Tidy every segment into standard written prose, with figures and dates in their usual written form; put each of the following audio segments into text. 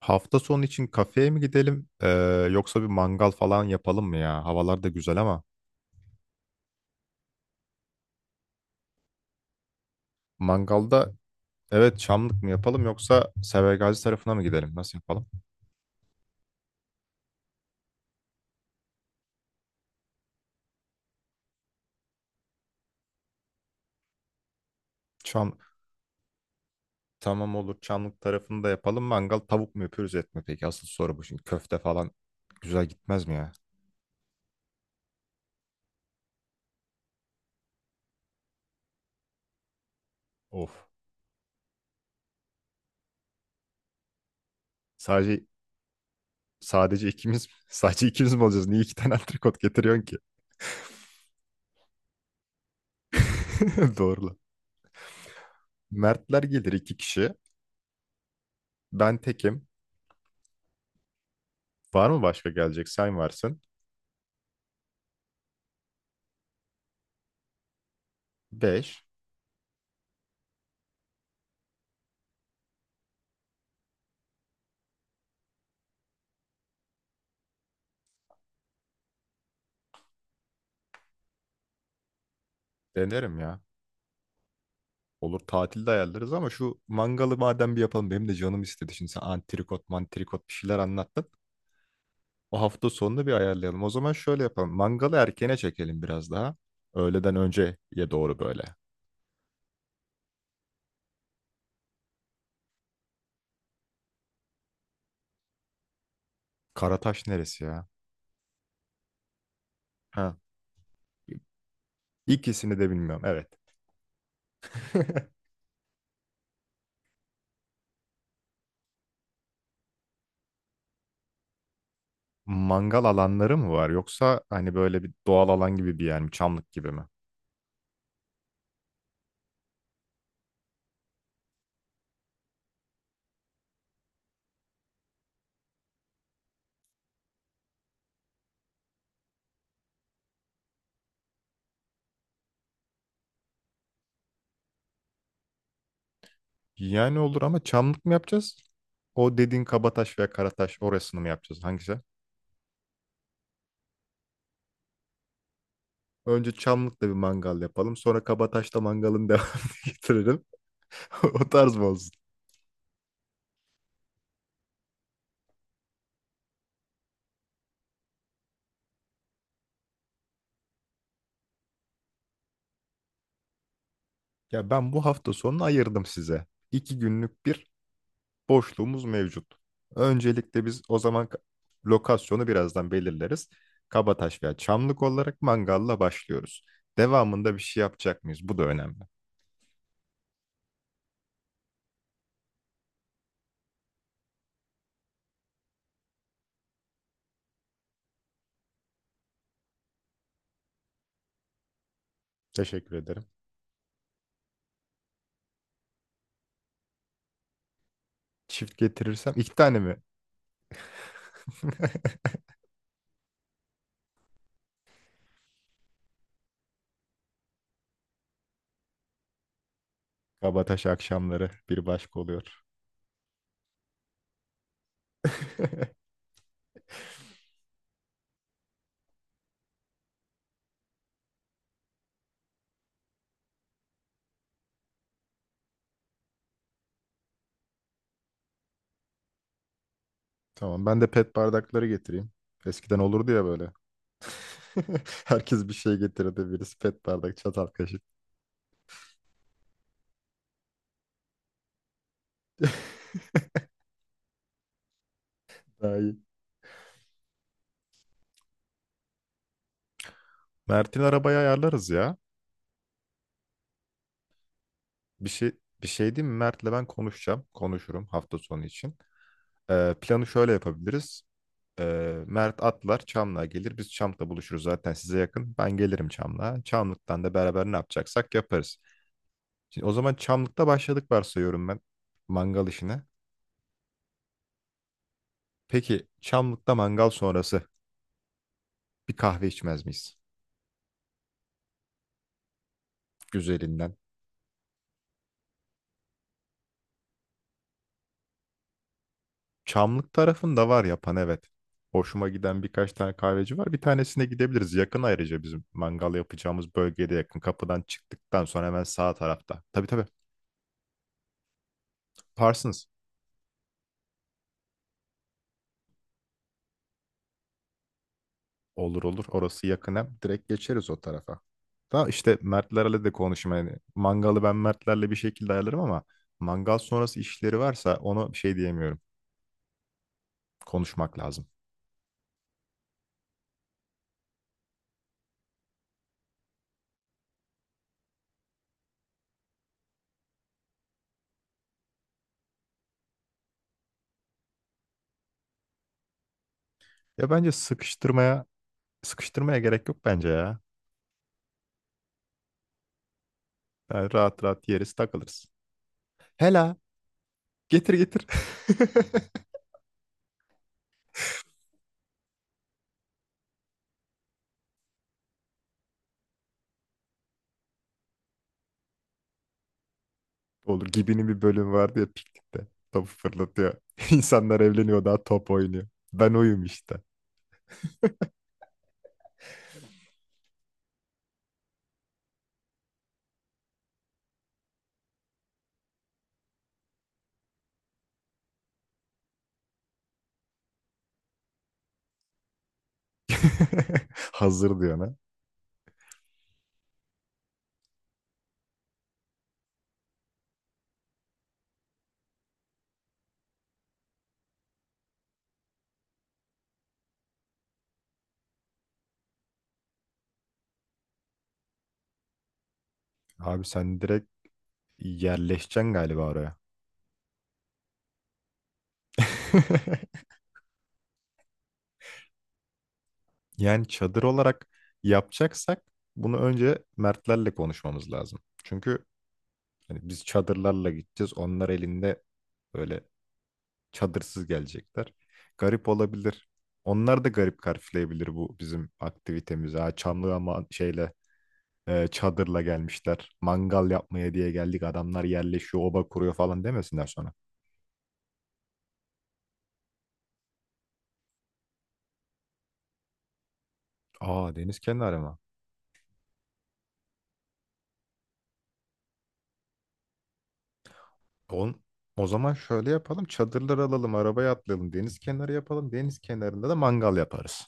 Hafta sonu için kafeye mi gidelim yoksa bir mangal falan yapalım mı ya? Havalar da güzel ama mangalda evet, Çamlık mı yapalım yoksa Severgazi tarafına mı gidelim? Nasıl yapalım? Çam tamam, olur, Çamlık tarafını da yapalım. Mangal tavuk mu yapıyoruz, et mi peki? Asıl soru bu şimdi. Köfte falan güzel gitmez mi ya? Of. Sadece sadece ikimiz, sadece ikimiz mi olacağız? Niye iki tane antrikot getiriyorsun ki? Doğru lan. Mertler gelir, iki kişi. Ben tekim. Var mı başka gelecek? Sen varsın. Beş. Denerim ya. Olur, tatilde ayarlarız ama şu mangalı madem bir yapalım. Benim de canım istedi. Şimdi sen antrikot mantrikot bir şeyler anlattın. O hafta sonunu bir ayarlayalım. O zaman şöyle yapalım: mangalı erkene çekelim biraz daha. Öğleden önceye doğru böyle. Karataş neresi ya? Ha. İkisini de bilmiyorum. Evet. Mangal alanları mı var yoksa hani böyle bir doğal alan gibi bir yer mi? Çamlık gibi mi? Yani olur ama çamlık mı yapacağız? O dediğin Kabataş veya Karataş, orasını mı yapacağız? Hangisi? Önce Çamlık'ta bir mangal yapalım. Sonra Kabataş'ta mangalın devamını getiririm. O tarz mı olsun? Ya ben bu hafta sonunu ayırdım size. İki günlük bir boşluğumuz mevcut. Öncelikle biz o zaman lokasyonu birazdan belirleriz. Kabataş veya Çamlık olarak mangalla başlıyoruz. Devamında bir şey yapacak mıyız? Bu da önemli. Teşekkür ederim. Çift getirirsem iki tane mi? Kabataş akşamları bir başka oluyor. Tamam, ben de pet bardakları getireyim. Eskiden olurdu ya böyle. Herkes bir şey getirirdi. Birisi pet bardak, çatal kaşık. Daha iyi. Mert'in arabayı ayarlarız ya. Bir şey Bir şey değil mi? Mert'le ben konuşacağım. Konuşurum hafta sonu için. Planı şöyle yapabiliriz. Mert atlar, Çamlık'a gelir. Biz Çamlık'ta buluşuruz, zaten size yakın. Ben gelirim Çamlık'a. Çamlık'tan da beraber ne yapacaksak yaparız. Şimdi o zaman Çamlık'ta başladık varsayıyorum ben mangal işine. Peki Çamlık'ta mangal sonrası bir kahve içmez miyiz? Güzelinden. Çamlık tarafında var yapan, evet. Hoşuma giden birkaç tane kahveci var. Bir tanesine gidebiliriz. Yakın, ayrıca bizim mangal yapacağımız bölgede yakın. Kapıdan çıktıktan sonra hemen sağ tarafta. Tabii tabii. Parsons. Olur olur. Orası yakın hem. Direkt geçeriz o tarafa. Da işte Mertlerle de konuşayım. Yani mangalı ben Mertlerle bir şekilde ayarlarım ama mangal sonrası işleri varsa onu bir şey diyemiyorum. Konuşmak lazım. Ya bence sıkıştırmaya Sıkıştırmaya gerek yok bence ya. Yani rahat rahat yeriz, takılırız. Hela, getir getir. Olur. Gibi'nin bir bölüm vardı ya piknikte. Topu fırlatıyor. İnsanlar evleniyor, daha top oynuyor. Ben oyum işte. Hazır diyor. Abi sen direkt yerleşeceksin galiba oraya. Yani çadır olarak yapacaksak bunu önce Mertlerle konuşmamız lazım. Çünkü hani biz çadırlarla gideceğiz. Onlar elinde böyle çadırsız gelecekler. Garip olabilir. Onlar da garip karşılayabilir bu bizim aktivitemizi. Ha, çamlı ama şeyle, çadırla gelmişler. Mangal yapmaya diye geldik. Adamlar yerleşiyor, oba kuruyor falan demesinler sonra. Aa, deniz kenarı mı? On, O zaman şöyle yapalım: çadırlar alalım, arabaya atlayalım. Deniz kenarı yapalım. Deniz kenarında da mangal yaparız.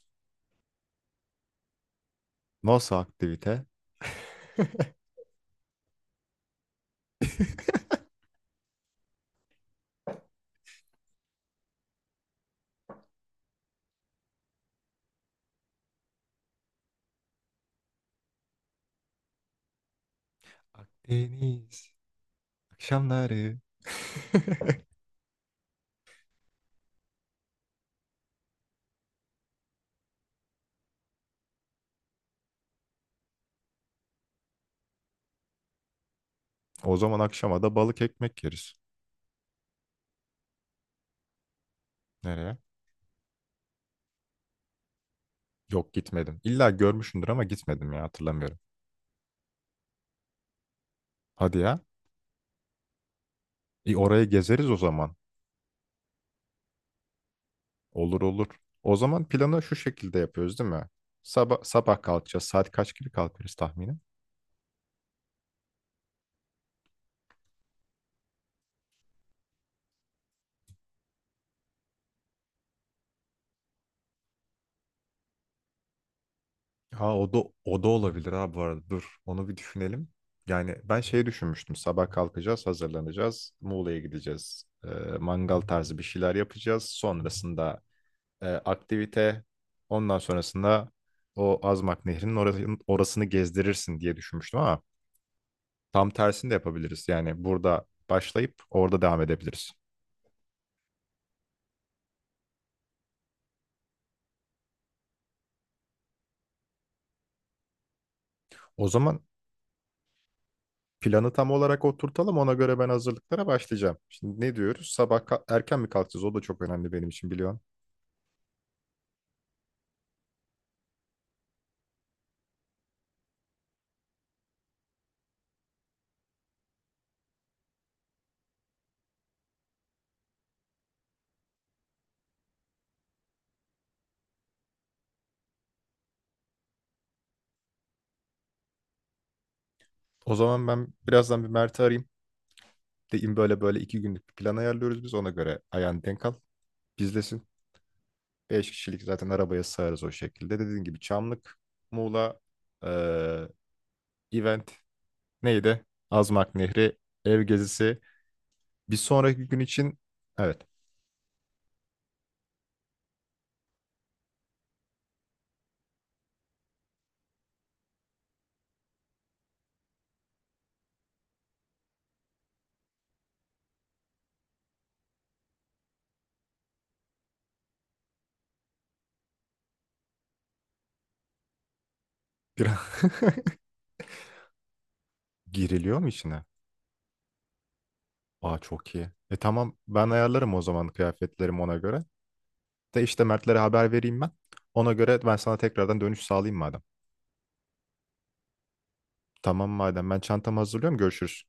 Nasıl aktivite? Akdeniz akşamları. O zaman akşama da balık ekmek yeriz. Nereye? Yok, gitmedim. İlla görmüşsündür ama gitmedim ya, hatırlamıyorum. Hadi ya. E, orayı gezeriz o zaman. Olur olur. O zaman planı şu şekilde yapıyoruz değil mi? Sabah, sabah kalkacağız. Saat kaç gibi kalkarız tahminen? Ha, o da olabilir, ha, bu arada. Dur, onu bir düşünelim. Yani ben şey düşünmüştüm. Sabah kalkacağız, hazırlanacağız. Muğla'ya gideceğiz. Mangal tarzı bir şeyler yapacağız. Sonrasında aktivite. Ondan sonrasında o Azmak Nehri'nin orasını gezdirirsin diye düşünmüştüm ama tam tersini de yapabiliriz. Yani burada başlayıp orada devam edebiliriz. O zaman planı tam olarak oturtalım. Ona göre ben hazırlıklara başlayacağım. Şimdi ne diyoruz? Sabah erken mi kalkacağız? O da çok önemli benim için, biliyorsun. O zaman ben birazdan bir Mert'i arayayım. Deyim böyle böyle, iki günlük bir plan ayarlıyoruz biz. Ona göre ayağını denk al. Bizlesin. Beş kişilik zaten arabaya sığarız o şekilde. Dediğin gibi Çamlık, Muğla, eee, event. Neydi? Azmak Nehri, ev gezisi. Bir sonraki gün için, evet. Biraz giriliyor mu içine? Aa, çok iyi. E tamam, ben ayarlarım o zaman kıyafetlerimi ona göre. De işte Mertlere haber vereyim ben. Ona göre ben sana tekrardan dönüş sağlayayım madem. Tamam madem, ben çantamı hazırlıyorum, görüşürüz.